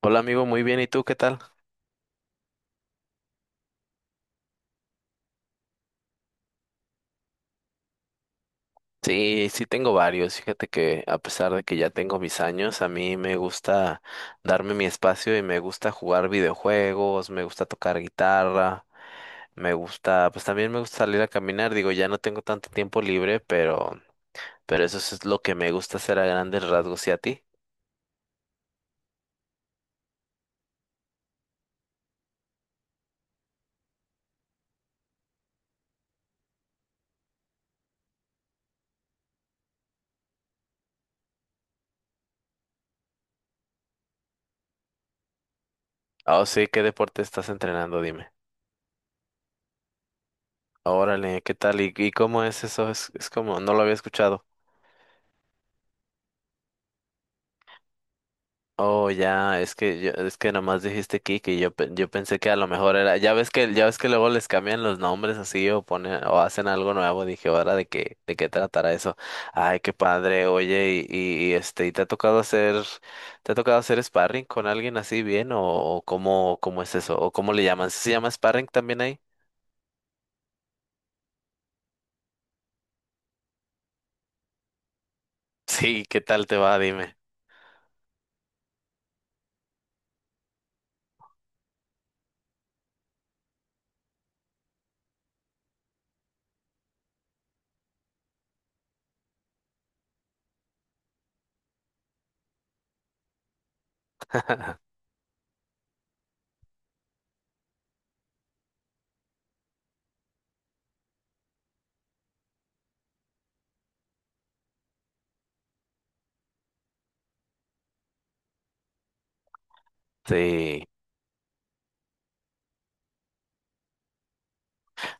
Hola amigo, muy bien, ¿y tú qué tal? Sí, sí tengo varios. Fíjate que a pesar de que ya tengo mis años, a mí me gusta darme mi espacio y me gusta jugar videojuegos, me gusta tocar guitarra, pues también me gusta salir a caminar. Digo, ya no tengo tanto tiempo libre, pero eso es lo que me gusta hacer a grandes rasgos. ¿Y a ti? Oh, sí, ¿qué deporte estás entrenando? Dime. Órale, ¿qué tal? ¿Y cómo es eso? Es como, no lo había escuchado. Oh, ya, es que nomás dijiste Kike y yo pensé que a lo mejor era, ya ves que luego les cambian los nombres así o ponen o hacen algo nuevo, dije, ahora de qué tratará eso. Ay, qué padre. Oye, ¿y te ha tocado hacer sparring con alguien así bien o, o cómo es eso o cómo le llaman? ¿Sí? ¿Se llama sparring también ahí? Sí, ¿qué tal te va? Dime. Sí.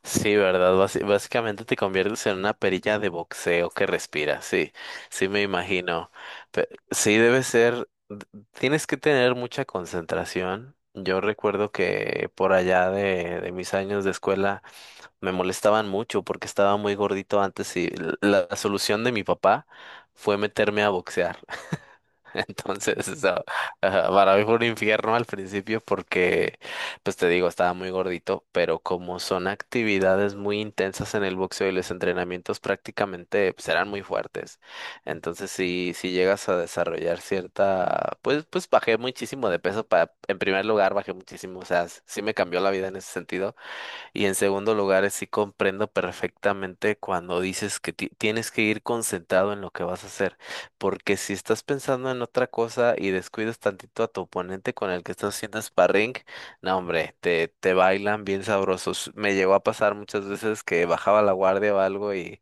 Sí, ¿verdad? Básicamente te conviertes en una perilla de boxeo que respira, sí, sí me imagino. Sí, debe ser, tienes que tener mucha concentración. Yo recuerdo que por allá de mis años de escuela me molestaban mucho porque estaba muy gordito antes y la solución de mi papá fue meterme a boxear. Entonces, eso, ajá, para mí fue un infierno al principio porque, pues te digo, estaba muy gordito, pero como son actividades muy intensas en el boxeo y los entrenamientos prácticamente pues, eran muy fuertes. Entonces, si llegas a desarrollar cierta, pues bajé muchísimo de peso para, en primer lugar, bajé muchísimo, o sea, sí me cambió la vida en ese sentido. Y en segundo lugar, sí comprendo perfectamente cuando dices que tienes que ir concentrado en lo que vas a hacer, porque si estás pensando en otra cosa y descuidas tantito a tu oponente con el que estás haciendo sparring, no hombre, te bailan bien sabrosos. Me llegó a pasar muchas veces que bajaba la guardia o algo y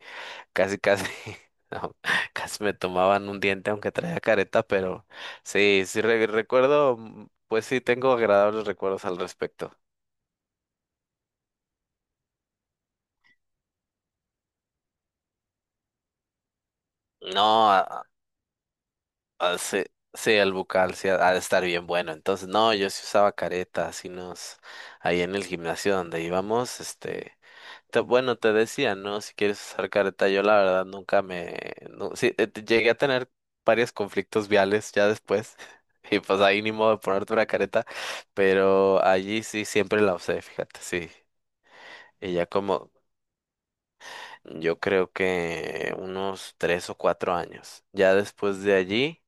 casi, casi, no, casi me tomaban un diente aunque traía careta, pero sí, recuerdo, pues sí, tengo agradables recuerdos al respecto. No, ah, sí, sí, el bucal, sí, ha de estar bien bueno. Entonces, no, yo sí usaba careta, así nos, ahí en el gimnasio donde íbamos, bueno, te decía, ¿no? Si quieres usar careta, yo la verdad nunca me, no, sí, llegué a tener varios conflictos viales ya después, y pues ahí ni modo de ponerte una careta, pero allí sí siempre la usé, fíjate, sí. Y ya como, yo creo que unos 3 o 4 años. Ya después de allí.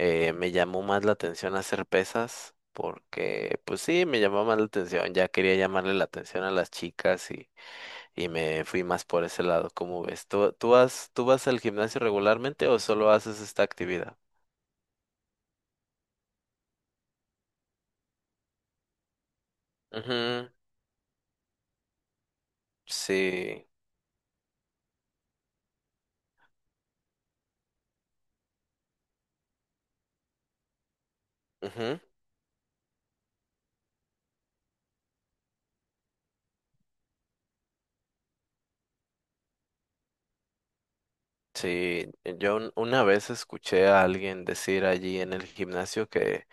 Me llamó más la atención hacer pesas porque, pues sí, me llamó más la atención. Ya quería llamarle la atención a las chicas y me fui más por ese lado. ¿Cómo ves? ¿Tú vas al gimnasio regularmente o solo haces esta actividad? Ujú, sí, ujú, sí. Yo una vez escuché a alguien decir allí en el gimnasio que,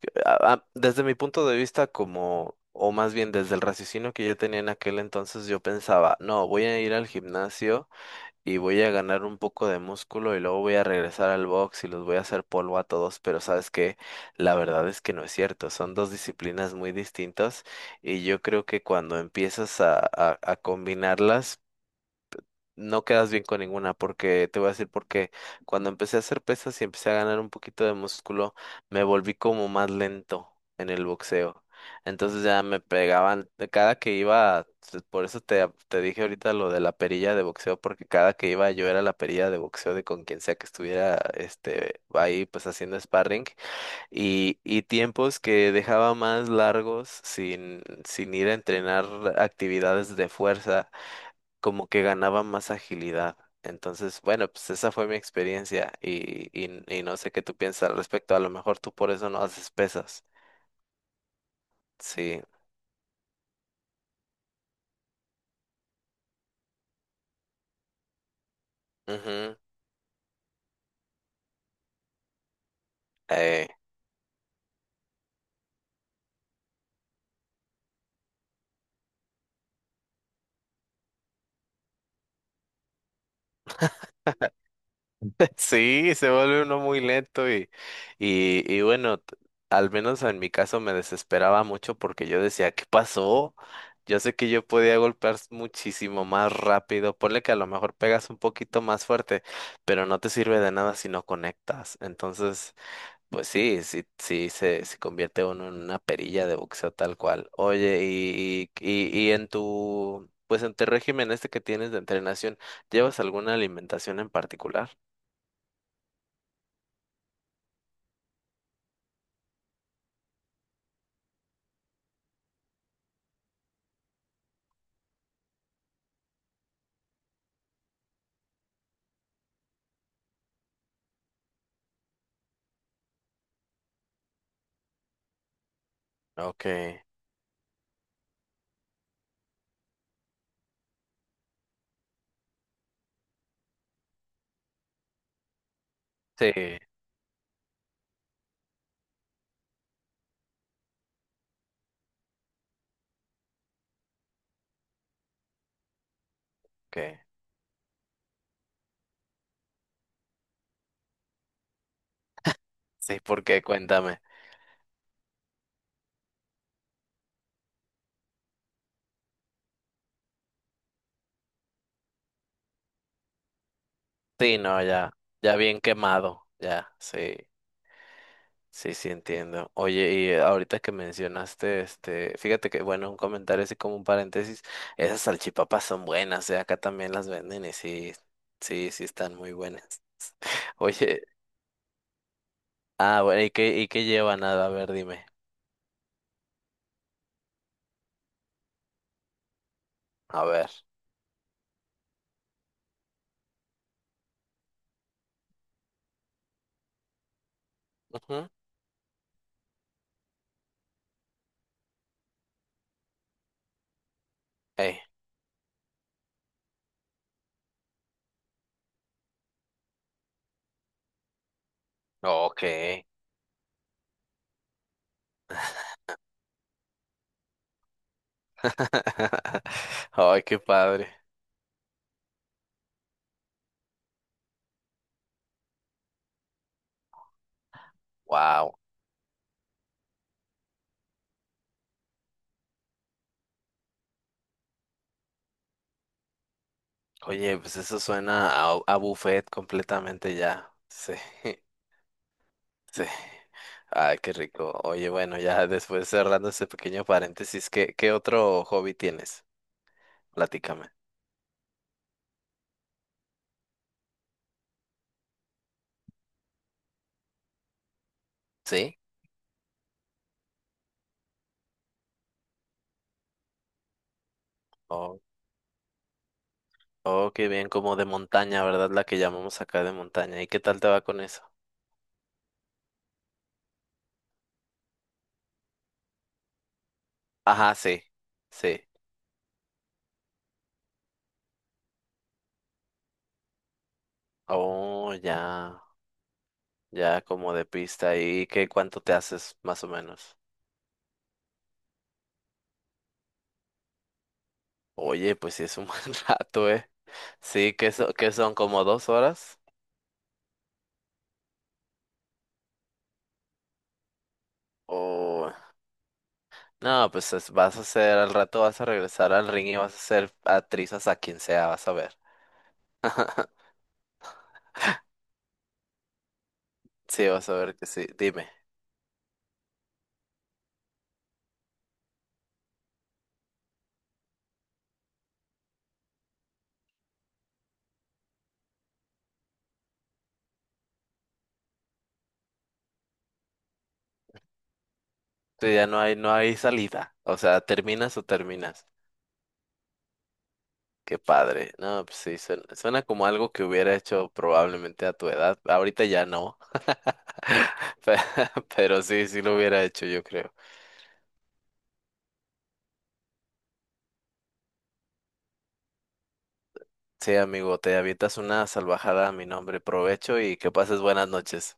que, a- a- desde mi punto de vista, como, o más bien desde el raciocinio que yo tenía en aquel entonces, yo pensaba, no, voy a ir al gimnasio y voy a ganar un poco de músculo y luego voy a regresar al box y los voy a hacer polvo a todos, pero sabes que la verdad es que no es cierto, son dos disciplinas muy distintas y yo creo que cuando empiezas a combinarlas, no quedas bien con ninguna, porque te voy a decir porque cuando empecé a hacer pesas y empecé a ganar un poquito de músculo, me volví como más lento en el boxeo. Entonces ya me pegaban, de cada que iba, por eso te dije ahorita lo de la perilla de boxeo, porque cada que iba yo era la perilla de boxeo de con quien sea que estuviera este ahí pues haciendo sparring y tiempos que dejaba más largos sin ir a entrenar actividades de fuerza como que ganaba más agilidad. Entonces, bueno, pues esa fue mi experiencia y no sé qué tú piensas al respecto. A lo mejor tú por eso no haces pesas. Sí. Ujú, eh, sí, se vuelve uno muy lento y bueno, al menos en mi caso me desesperaba mucho porque yo decía, ¿qué pasó? Yo sé que yo podía golpear muchísimo más rápido. Ponle que a lo mejor pegas un poquito más fuerte, pero no te sirve de nada si no conectas. Entonces. Pues sí, sí, sí se convierte uno en una perilla de boxeo tal cual. Oye, y pues en tu régimen este que tienes de entrenación, ¿llevas alguna alimentación en particular? Okay, sí, okay, sí, porque cuéntame. Sí, no, ya, ya bien quemado, ya, sí. Sí, sí, entiendo. Oye, y ahorita que mencionaste, fíjate que, bueno, un comentario así como un paréntesis, esas salchipapas son buenas, acá también las venden y sí, sí, sí están muy buenas. Oye, ah, bueno, ¿y qué lleva nada? A ver, dime. A ver. Ujú. Ey, ok. Ay, qué padre. Wow. Oye, pues eso suena a buffet completamente ya. Sí. Sí. Ay, qué rico. Oye, bueno, ya después cerrando ese pequeño paréntesis, ¿qué otro hobby tienes? Platícame. ¿Sí? Oh, oh, qué bien, como de montaña, ¿verdad? La que llamamos acá de montaña. ¿Y qué tal te va con eso? Ajá, sí, sí. Oh, ya, ya como de pista. ¿Y qué cuánto te haces más o menos? Oye, pues sí es un buen rato, ¿eh? Sí, que son como 2 horas. Oh. No, pues vas a hacer, al rato vas a regresar al ring y vas a ser actriz hasta quien sea, vas a ver. Sí, vas a ver que sí. Dime, tú ya no hay salida. O sea, terminas o terminas. Qué padre. No, pues sí, suena como algo que hubiera hecho probablemente a tu edad. Ahorita ya no. Pe- Pero sí, sí lo hubiera hecho, yo creo. Sí, amigo, te avientas una salvajada a mi nombre. Provecho y que pases buenas noches.